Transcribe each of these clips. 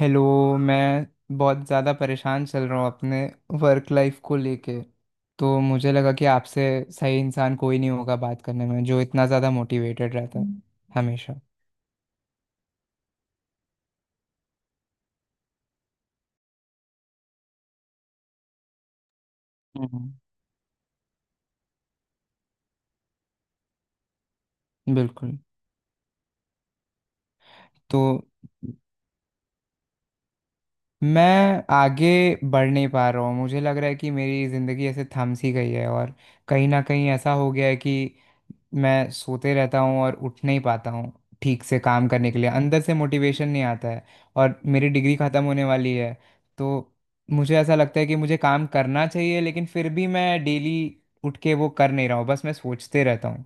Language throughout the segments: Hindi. हेलो। मैं बहुत ज़्यादा परेशान चल रहा हूँ अपने वर्क लाइफ को लेके। तो मुझे लगा कि आपसे सही इंसान कोई नहीं होगा बात करने में, जो इतना ज़्यादा मोटिवेटेड रहता है। हम्म। हमेशा। हम्म। बिल्कुल। तो मैं आगे बढ़ नहीं पा रहा हूँ। मुझे लग रहा है कि मेरी ज़िंदगी ऐसे थम सी गई है, और कहीं ना कहीं ऐसा हो गया है कि मैं सोते रहता हूँ और उठ नहीं पाता हूँ। ठीक से काम करने के लिए अंदर से मोटिवेशन नहीं आता है। और मेरी डिग्री ख़त्म होने वाली है, तो मुझे ऐसा लगता है कि मुझे काम करना चाहिए, लेकिन फिर भी मैं डेली उठ के वो कर नहीं रहा हूँ, बस मैं सोचते रहता हूँ।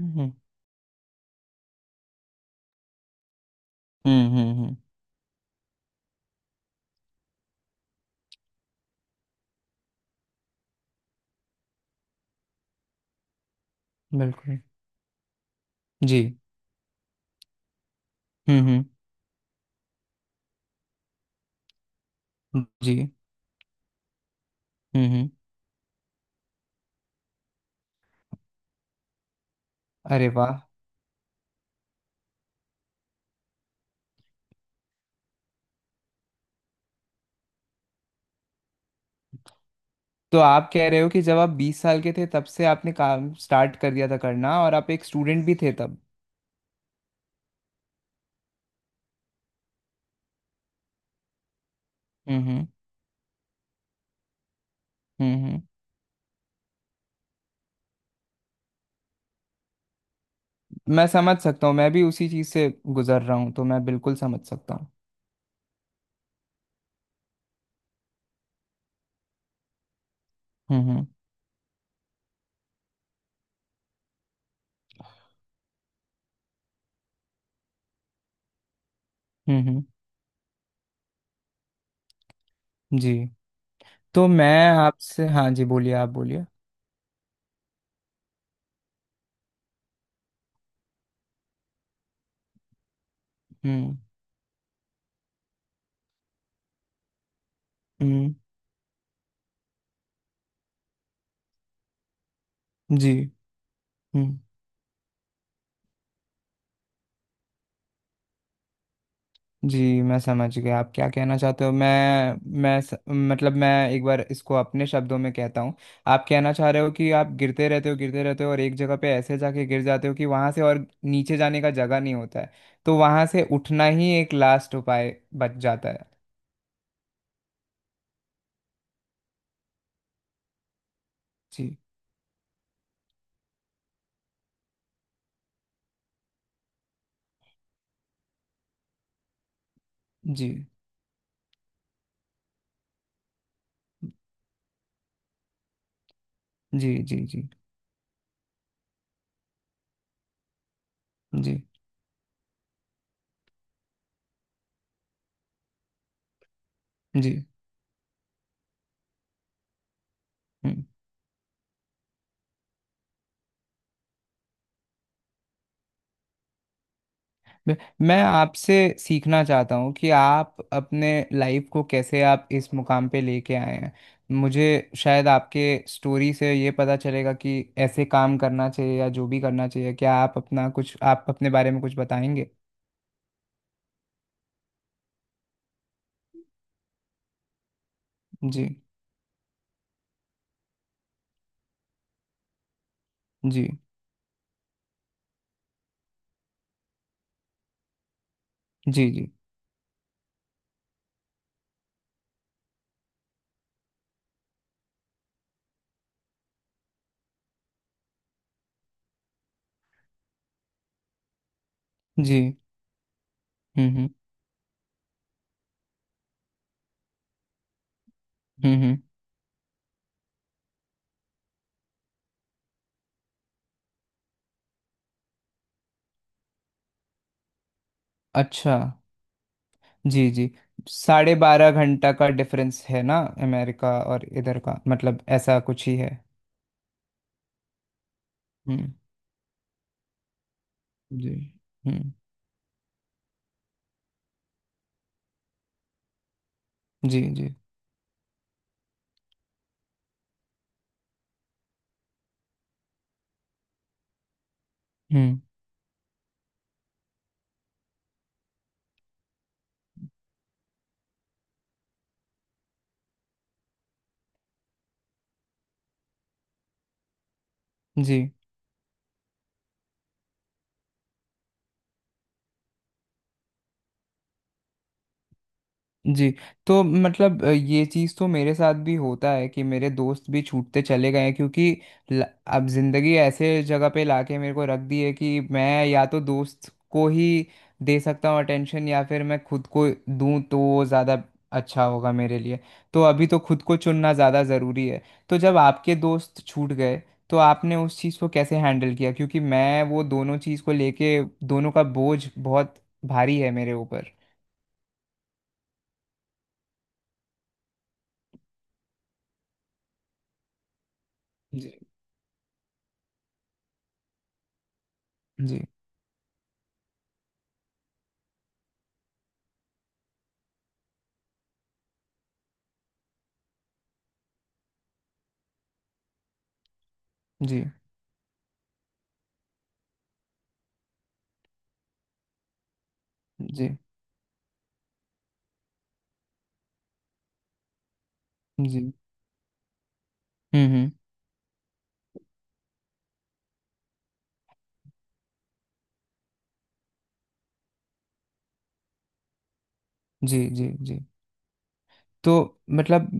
हम्म। हम्म। हम्म। बिल्कुल। जी। हम्म। हम्म। जी। हम्म। हम्म। अरे वाह! तो आप कह रहे हो कि जब आप 20 साल के थे, तब से आपने काम स्टार्ट कर दिया था करना, और आप एक स्टूडेंट भी थे तब। हम्म। हम्म। हम्म। हम्म। मैं समझ सकता हूँ। मैं भी उसी चीज़ से गुजर रहा हूँ, तो मैं बिल्कुल समझ सकता हूँ। हम्म। हम्म। हम्म। हम्म। जी। तो मैं आपसे। हाँ जी, बोलिए, आप बोलिए। हम्म। हम्म। जी। हम्म। जी, मैं समझ गया आप क्या कहना चाहते हो। मतलब, मैं एक बार इसको अपने शब्दों में कहता हूँ। आप कहना चाह रहे हो कि आप गिरते रहते हो गिरते रहते हो, और एक जगह पे ऐसे जाके गिर जाते हो कि वहां से और नीचे जाने का जगह नहीं होता है। तो वहां से उठना ही एक लास्ट उपाय बच जाता है। जी। जी। जी। जी। जी। जी। जी। जी। मैं मैं आपसे सीखना चाहता हूँ कि आप अपने लाइफ को कैसे आप इस मुकाम पे लेके आए हैं। मुझे शायद आपके स्टोरी से ये पता चलेगा कि ऐसे काम करना चाहिए, या जो भी करना चाहिए। क्या आप अपने बारे में कुछ बताएंगे? जी। जी। जी। जी। जी। हम्म। हम्म। हम्म। अच्छा। जी। जी। साढ़े 12 घंटा का डिफरेंस है ना, अमेरिका और इधर का, मतलब ऐसा कुछ ही है। हम्म। जी। हम्म। जी। जी। हम्म। जी। जी। तो मतलब ये चीज़ तो मेरे साथ भी होता है कि मेरे दोस्त भी छूटते चले गए हैं, क्योंकि ल- अब ज़िंदगी ऐसे जगह पे लाके मेरे को रख दी है कि मैं या तो दोस्त को ही दे सकता हूँ अटेंशन, या फिर मैं खुद को दूँ, तो वो ज़्यादा अच्छा होगा मेरे लिए। तो अभी तो खुद को चुनना ज़्यादा ज़रूरी है। तो जब आपके दोस्त छूट गए, तो आपने उस चीज़ को कैसे हैंडल किया, क्योंकि मैं वो दोनों चीज़ को लेके, दोनों का बोझ बहुत भारी है मेरे ऊपर। जी। जी। जी। जी। जी। हम्म। हम्म। जी। जी। जी। तो मतलब,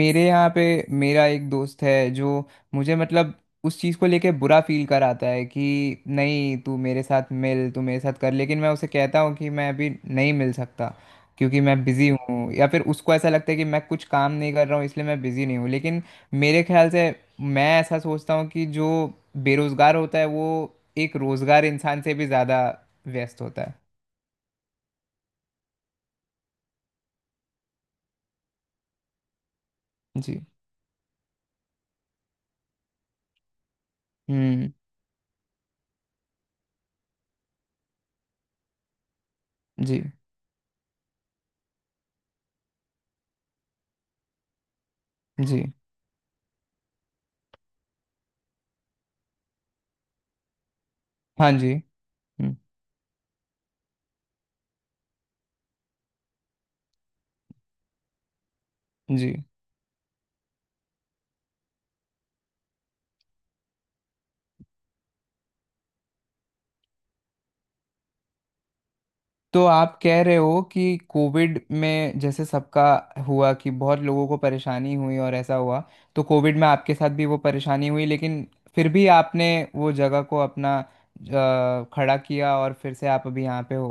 मेरे यहाँ पे मेरा एक दोस्त है जो मुझे, मतलब, उस चीज़ को लेके बुरा फील कराता है कि नहीं तू मेरे साथ मिल, तू मेरे साथ कर, लेकिन मैं उसे कहता हूँ कि मैं अभी नहीं मिल सकता क्योंकि मैं बिज़ी हूँ, या फिर उसको ऐसा लगता है कि मैं कुछ काम नहीं कर रहा हूँ, इसलिए मैं बिज़ी नहीं हूँ। लेकिन मेरे ख्याल से, मैं ऐसा सोचता हूँ कि जो बेरोज़गार होता है वो एक रोज़गार इंसान से भी ज़्यादा व्यस्त होता है। जी। हम्म। जी। जी। हाँ जी। हम्म, जी। तो आप कह रहे हो कि कोविड में जैसे सबका हुआ कि बहुत लोगों को परेशानी हुई और ऐसा हुआ, तो कोविड में आपके साथ भी वो परेशानी हुई, लेकिन फिर भी आपने वो जगह को अपना खड़ा किया, और फिर से आप अभी यहाँ पे हो।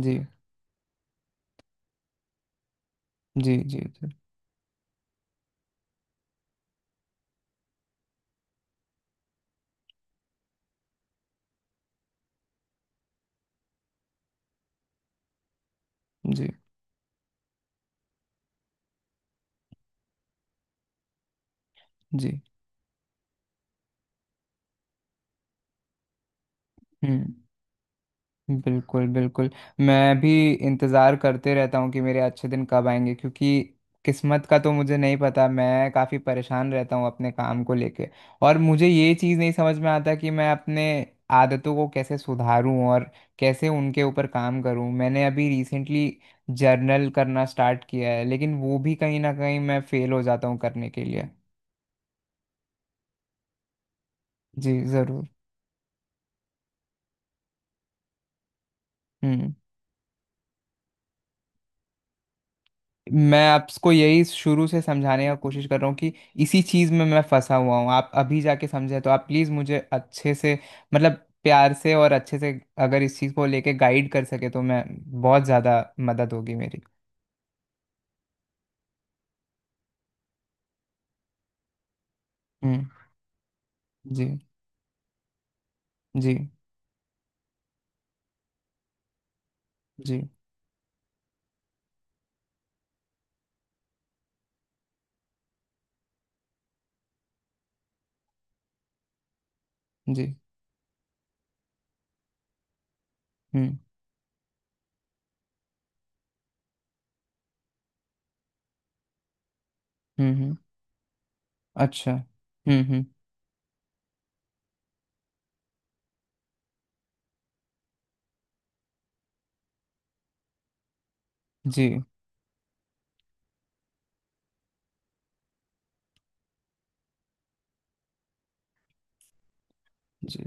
जी। जी। जी। जी। जी। जी। हम्म। बिल्कुल, बिल्कुल। मैं भी इंतज़ार करते रहता हूँ कि मेरे अच्छे दिन कब आएंगे, क्योंकि किस्मत का तो मुझे नहीं पता। मैं काफ़ी परेशान रहता हूँ अपने काम को लेके, और मुझे ये चीज़ नहीं समझ में आता कि मैं अपने आदतों को कैसे सुधारूँ और कैसे उनके ऊपर काम करूँ। मैंने अभी रिसेंटली जर्नल करना स्टार्ट किया है, लेकिन वो भी कहीं ना कहीं मैं फ़ेल हो जाता हूँ करने के लिए। जी, ज़रूर। मैं आपको यही शुरू से समझाने का कोशिश कर रहा हूँ कि इसी चीज़ में मैं फंसा हुआ हूँ। आप अभी जाके समझे, तो आप प्लीज़ मुझे अच्छे से, मतलब प्यार से और अच्छे से, अगर इस चीज़ को लेके गाइड कर सके, तो मैं बहुत ज़्यादा मदद होगी मेरी। हम्म। जी। जी। जी। जी। हम्म। हम्म। अच्छा। हम्म। हम्म। जी। जी।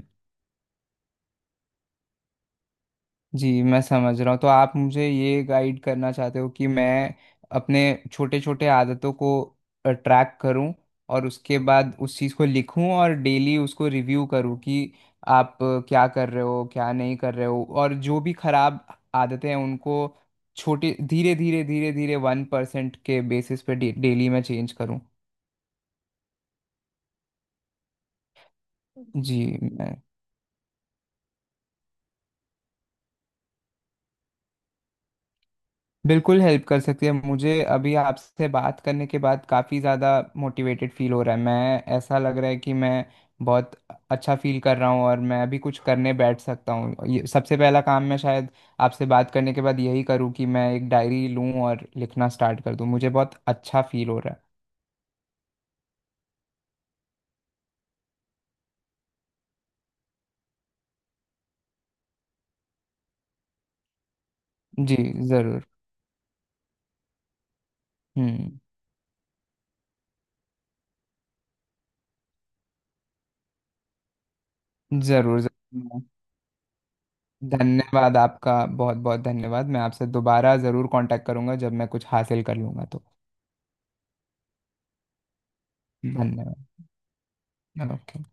जी, मैं समझ रहा हूँ। तो आप मुझे ये गाइड करना चाहते हो कि मैं अपने छोटे छोटे आदतों को ट्रैक करूँ, और उसके बाद उस चीज़ को लिखूँ और डेली उसको रिव्यू करूँ कि आप क्या कर रहे हो, क्या नहीं कर रहे हो, और जो भी खराब आदतें हैं उनको छोटे, धीरे धीरे धीरे धीरे 1% के बेसिस पे डेली मैं चेंज करूँ। जी। बिल्कुल हेल्प कर सकती है। मुझे अभी आपसे बात करने के बाद काफ़ी ज़्यादा मोटिवेटेड फील हो रहा है। मैं, ऐसा लग रहा है कि मैं बहुत अच्छा फील कर रहा हूँ, और मैं अभी कुछ करने बैठ सकता हूँ। ये सबसे पहला काम मैं शायद आपसे बात करने के बाद यही करूँ कि मैं एक डायरी लूँ और लिखना स्टार्ट कर दूँ। मुझे बहुत अच्छा फील हो रहा है। जी, ज़रूर। हम्म। ज़रूर, ज़रूर। धन्यवाद, आपका बहुत बहुत धन्यवाद। मैं आपसे दोबारा ज़रूर कांटेक्ट करूँगा जब मैं कुछ हासिल कर लूँगा तो। धन्यवाद। ओके।